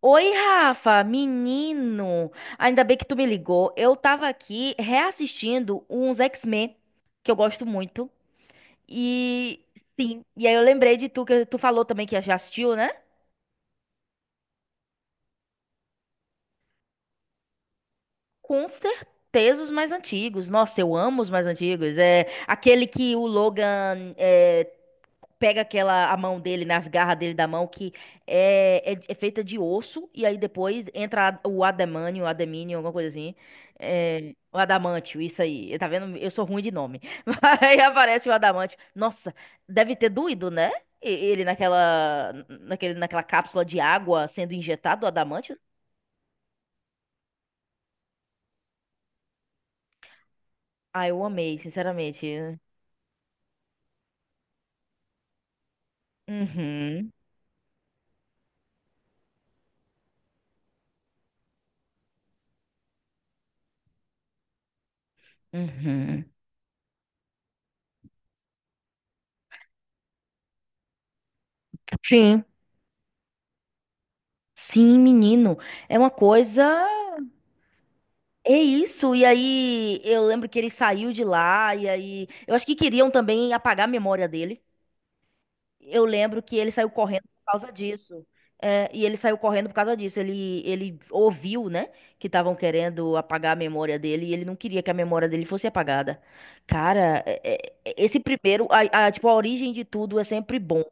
Oi, Rafa, menino. Ainda bem que tu me ligou. Eu tava aqui reassistindo uns X-Men que eu gosto muito. E sim, e aí eu lembrei de tu que tu falou também que já assistiu, né? Com certeza os mais antigos. Nossa, eu amo os mais antigos. É aquele que o Logan é, pega aquela a mão dele nas garras dele da mão que é feita de osso e aí depois entra o adamínio, alguma coisa assim. É, o adamantio, isso aí. Tá vendo? Eu sou ruim de nome. Aí aparece o adamantio. Nossa, deve ter doído, né? Ele naquela cápsula de água sendo injetado o adamantio. Ah, eu amei, sinceramente. Uhum, uhum. Sim, sim, menino. É uma coisa. É isso. E aí, eu lembro que ele saiu de lá, e aí. Eu acho que queriam também apagar a memória dele. Eu lembro que ele saiu correndo por causa disso. É, e ele saiu correndo por causa disso. Ele ouviu, né, que estavam querendo apagar a memória dele, e ele não queria que a memória dele fosse apagada. Cara, esse primeiro, tipo, a origem de tudo é sempre bom.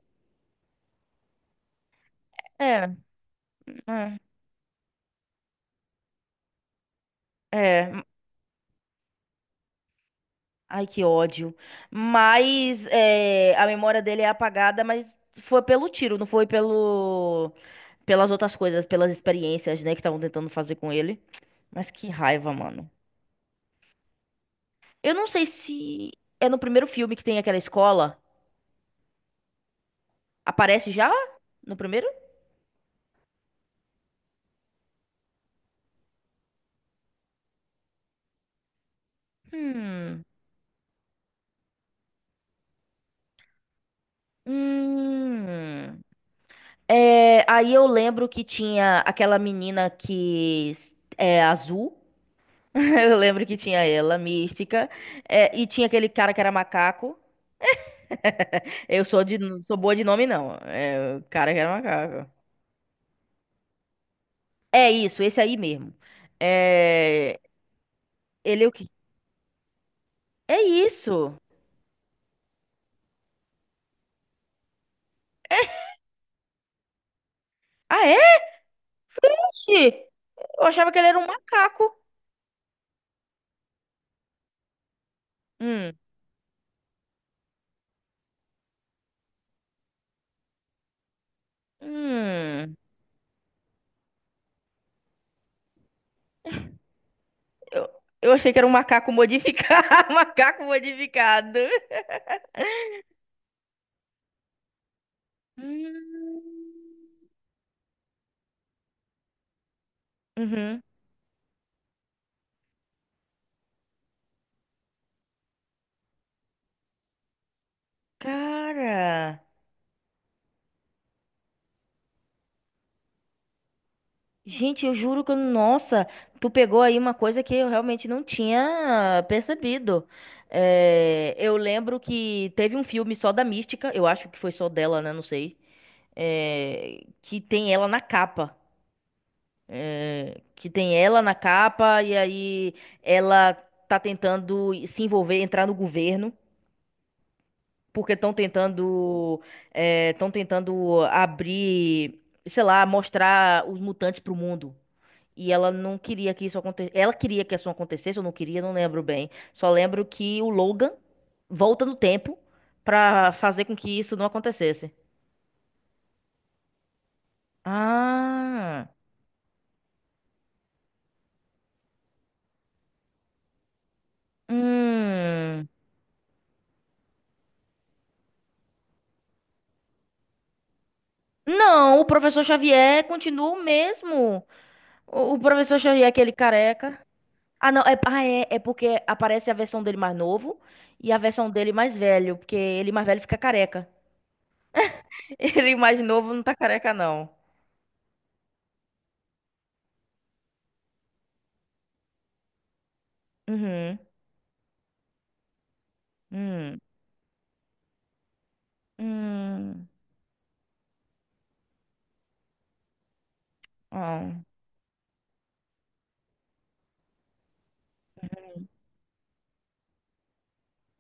É, é. É, Ai, que ódio. Mas é, a memória dele é apagada, mas foi pelo tiro, não foi pelo pelas outras coisas, pelas experiências, né, que estavam tentando fazer com ele. Mas que raiva, mano. Eu não sei se é no primeiro filme que tem aquela escola. Aparece já? No primeiro? Hum. Hum. É, aí eu lembro que tinha aquela menina é azul. Eu lembro que tinha ela, mística, é, e tinha aquele cara que era macaco. Não sou boa de nome, não. É, o cara que era macaco. É isso, esse aí mesmo. É, ele é o quê? É isso. Ah, é? Oxi! Eu achava que ele era um macaco. Hum. Hum. Eu, eu achei que era um macaco modificado. Macaco modificado. Hum. Uhum. Cara. Gente, eu juro que, nossa, tu pegou aí uma coisa que eu realmente não tinha percebido. É, eu lembro que teve um filme só da Mística, eu acho que foi só dela, né? Não sei. É, que tem ela na capa. É, que tem ela na capa e aí ela tá tentando se envolver, entrar no governo, porque estão tentando abrir, sei lá, mostrar os mutantes pro mundo. E ela não queria que isso acontecesse. Ela queria que isso acontecesse, eu não queria, não lembro bem. Só lembro que o Logan volta no tempo pra fazer com que isso não acontecesse. Ah. Hum. Não, o professor Xavier continua o mesmo. O professor Xavier, aquele careca. Ah, não, porque aparece a versão dele mais novo e a versão dele mais velho, porque ele mais velho fica careca. Ele mais novo não tá careca, não. Uhum. Hum. Hum. Ah,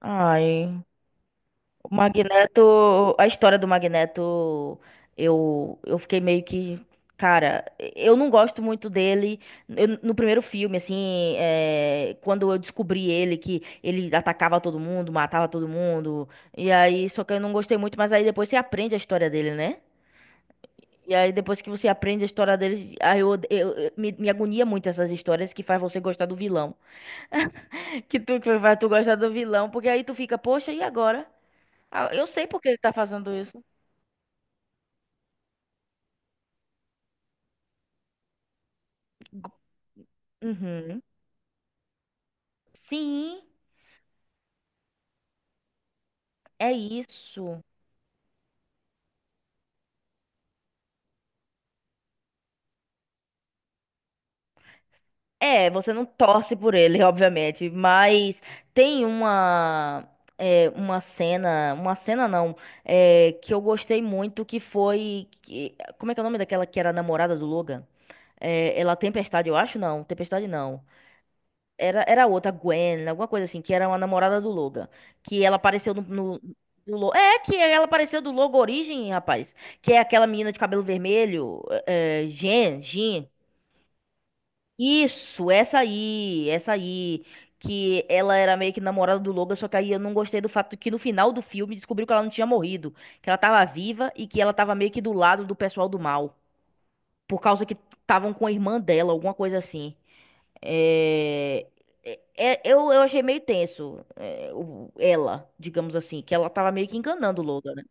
ai, o Magneto, a história do Magneto, eu fiquei meio que, cara, eu não gosto muito dele. No primeiro filme, assim, é, quando eu descobri ele, que ele atacava todo mundo, matava todo mundo, e aí, só que eu não gostei muito, mas aí depois você aprende a história dele, né? E aí, depois que você aprende a história dele, aí me agonia muito essas histórias que faz você gostar do vilão. Que tu, que faz tu gostar do vilão, porque aí tu fica, poxa, e agora? Ah, eu sei por que ele tá fazendo isso. Uhum. Sim, é isso. É, você não torce por ele, obviamente, mas tem uma é, uma cena não, é, que eu gostei muito, como é que é o nome daquela que era a namorada do Logan? É, ela Tempestade, eu acho não, Tempestade não. Era outra, Gwen, alguma coisa assim, que era uma namorada do Logan. Que ela apareceu no, no- do Lo- É, que ela apareceu do Logo Origem, rapaz. Que é aquela menina de cabelo vermelho, Jean. Isso, essa aí, essa aí. Que ela era meio que namorada do Logan, só que aí eu não gostei do fato que no final do filme descobriu que ela não tinha morrido. Que ela tava viva e que ela tava meio que do lado do pessoal do mal. Por causa que estavam com a irmã dela, alguma coisa assim. É, eu achei meio tenso, ela, digamos assim, que ela tava meio que enganando o Logan, né?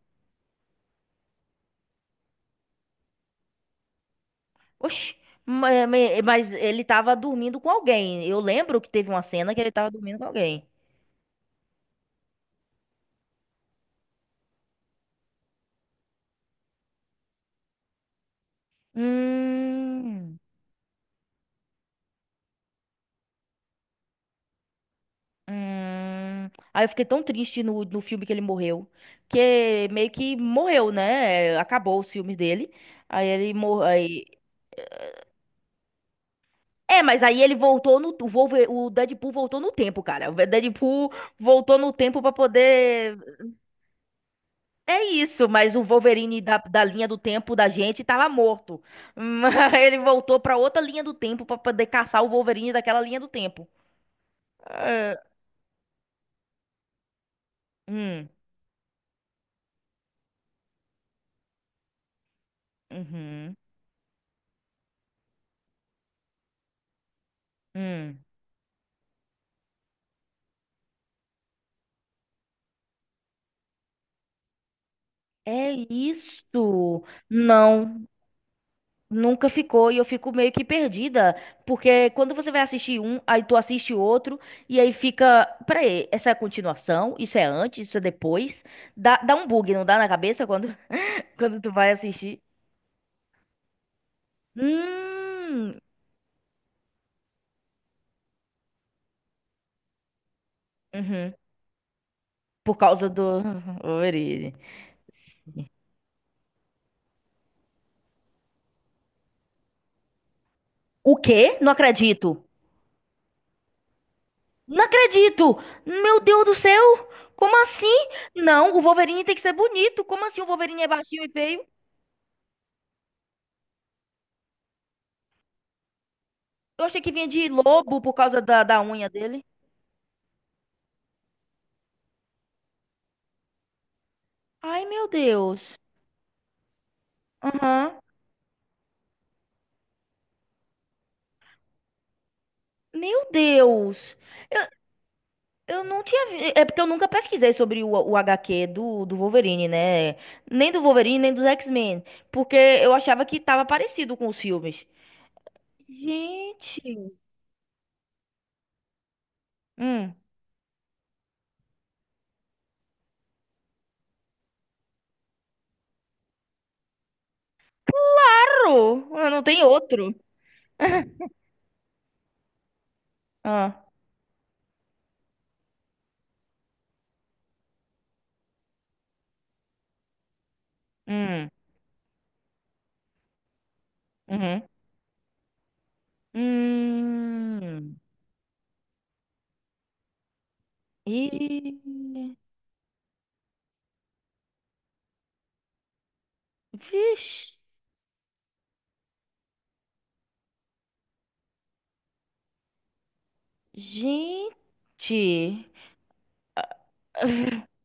Oxi, ma- ma- mas, ele tava dormindo com alguém. Eu lembro que teve uma cena que ele tava dormindo com alguém. Hum, hum. Aí eu fiquei tão triste no filme que ele morreu. Que meio que morreu, né? Acabou os filmes dele. Aí ele morreu. É, mas aí ele voltou no. O Wolver- o Deadpool voltou no tempo, cara. O Deadpool voltou no tempo pra poder. É isso, mas o Wolverine da linha do tempo da gente tava morto. Mas ele voltou pra outra linha do tempo pra poder caçar o Wolverine daquela linha do tempo. É. Hum. Uhum. Hum. É isso. Não. Nunca ficou e eu fico meio que perdida, porque quando você vai assistir um, aí tu assiste outro e aí fica, peraí, essa é a continuação, isso é antes, isso é depois. Dá um bug, não dá na cabeça quando, quando tu vai assistir? Hum, uhum, por causa do origem. O quê? Não acredito. Não acredito! Meu Deus do céu! Como assim? Não, o Wolverine tem que ser bonito. Como assim o Wolverine é baixinho e feio? Eu achei que vinha de lobo por causa da unha dele. Ai, meu Deus. Aham. Meu Deus. Eu, eu não tinha. Vi- É porque eu nunca pesquisei sobre o HQ do Wolverine, né? Nem do Wolverine, nem dos X-Men. Porque eu achava que tava parecido com os filmes. Gente. Hum. Claro! Ah, não tem outro. Ah. Hum. Uhum. Hum. E. Vixe. Gente.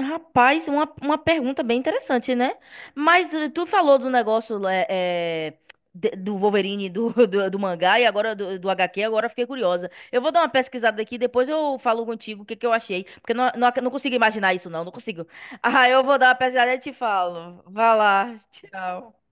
Rapaz, uma pergunta bem interessante, né? Mas tu falou do negócio do Wolverine do, do mangá e agora do HQ, agora eu fiquei curiosa. Eu vou dar uma pesquisada aqui, depois eu falo contigo o que eu achei, porque não consigo imaginar isso, não consigo. Ah, eu vou dar uma pesquisada e te falo. Vá lá, tchau.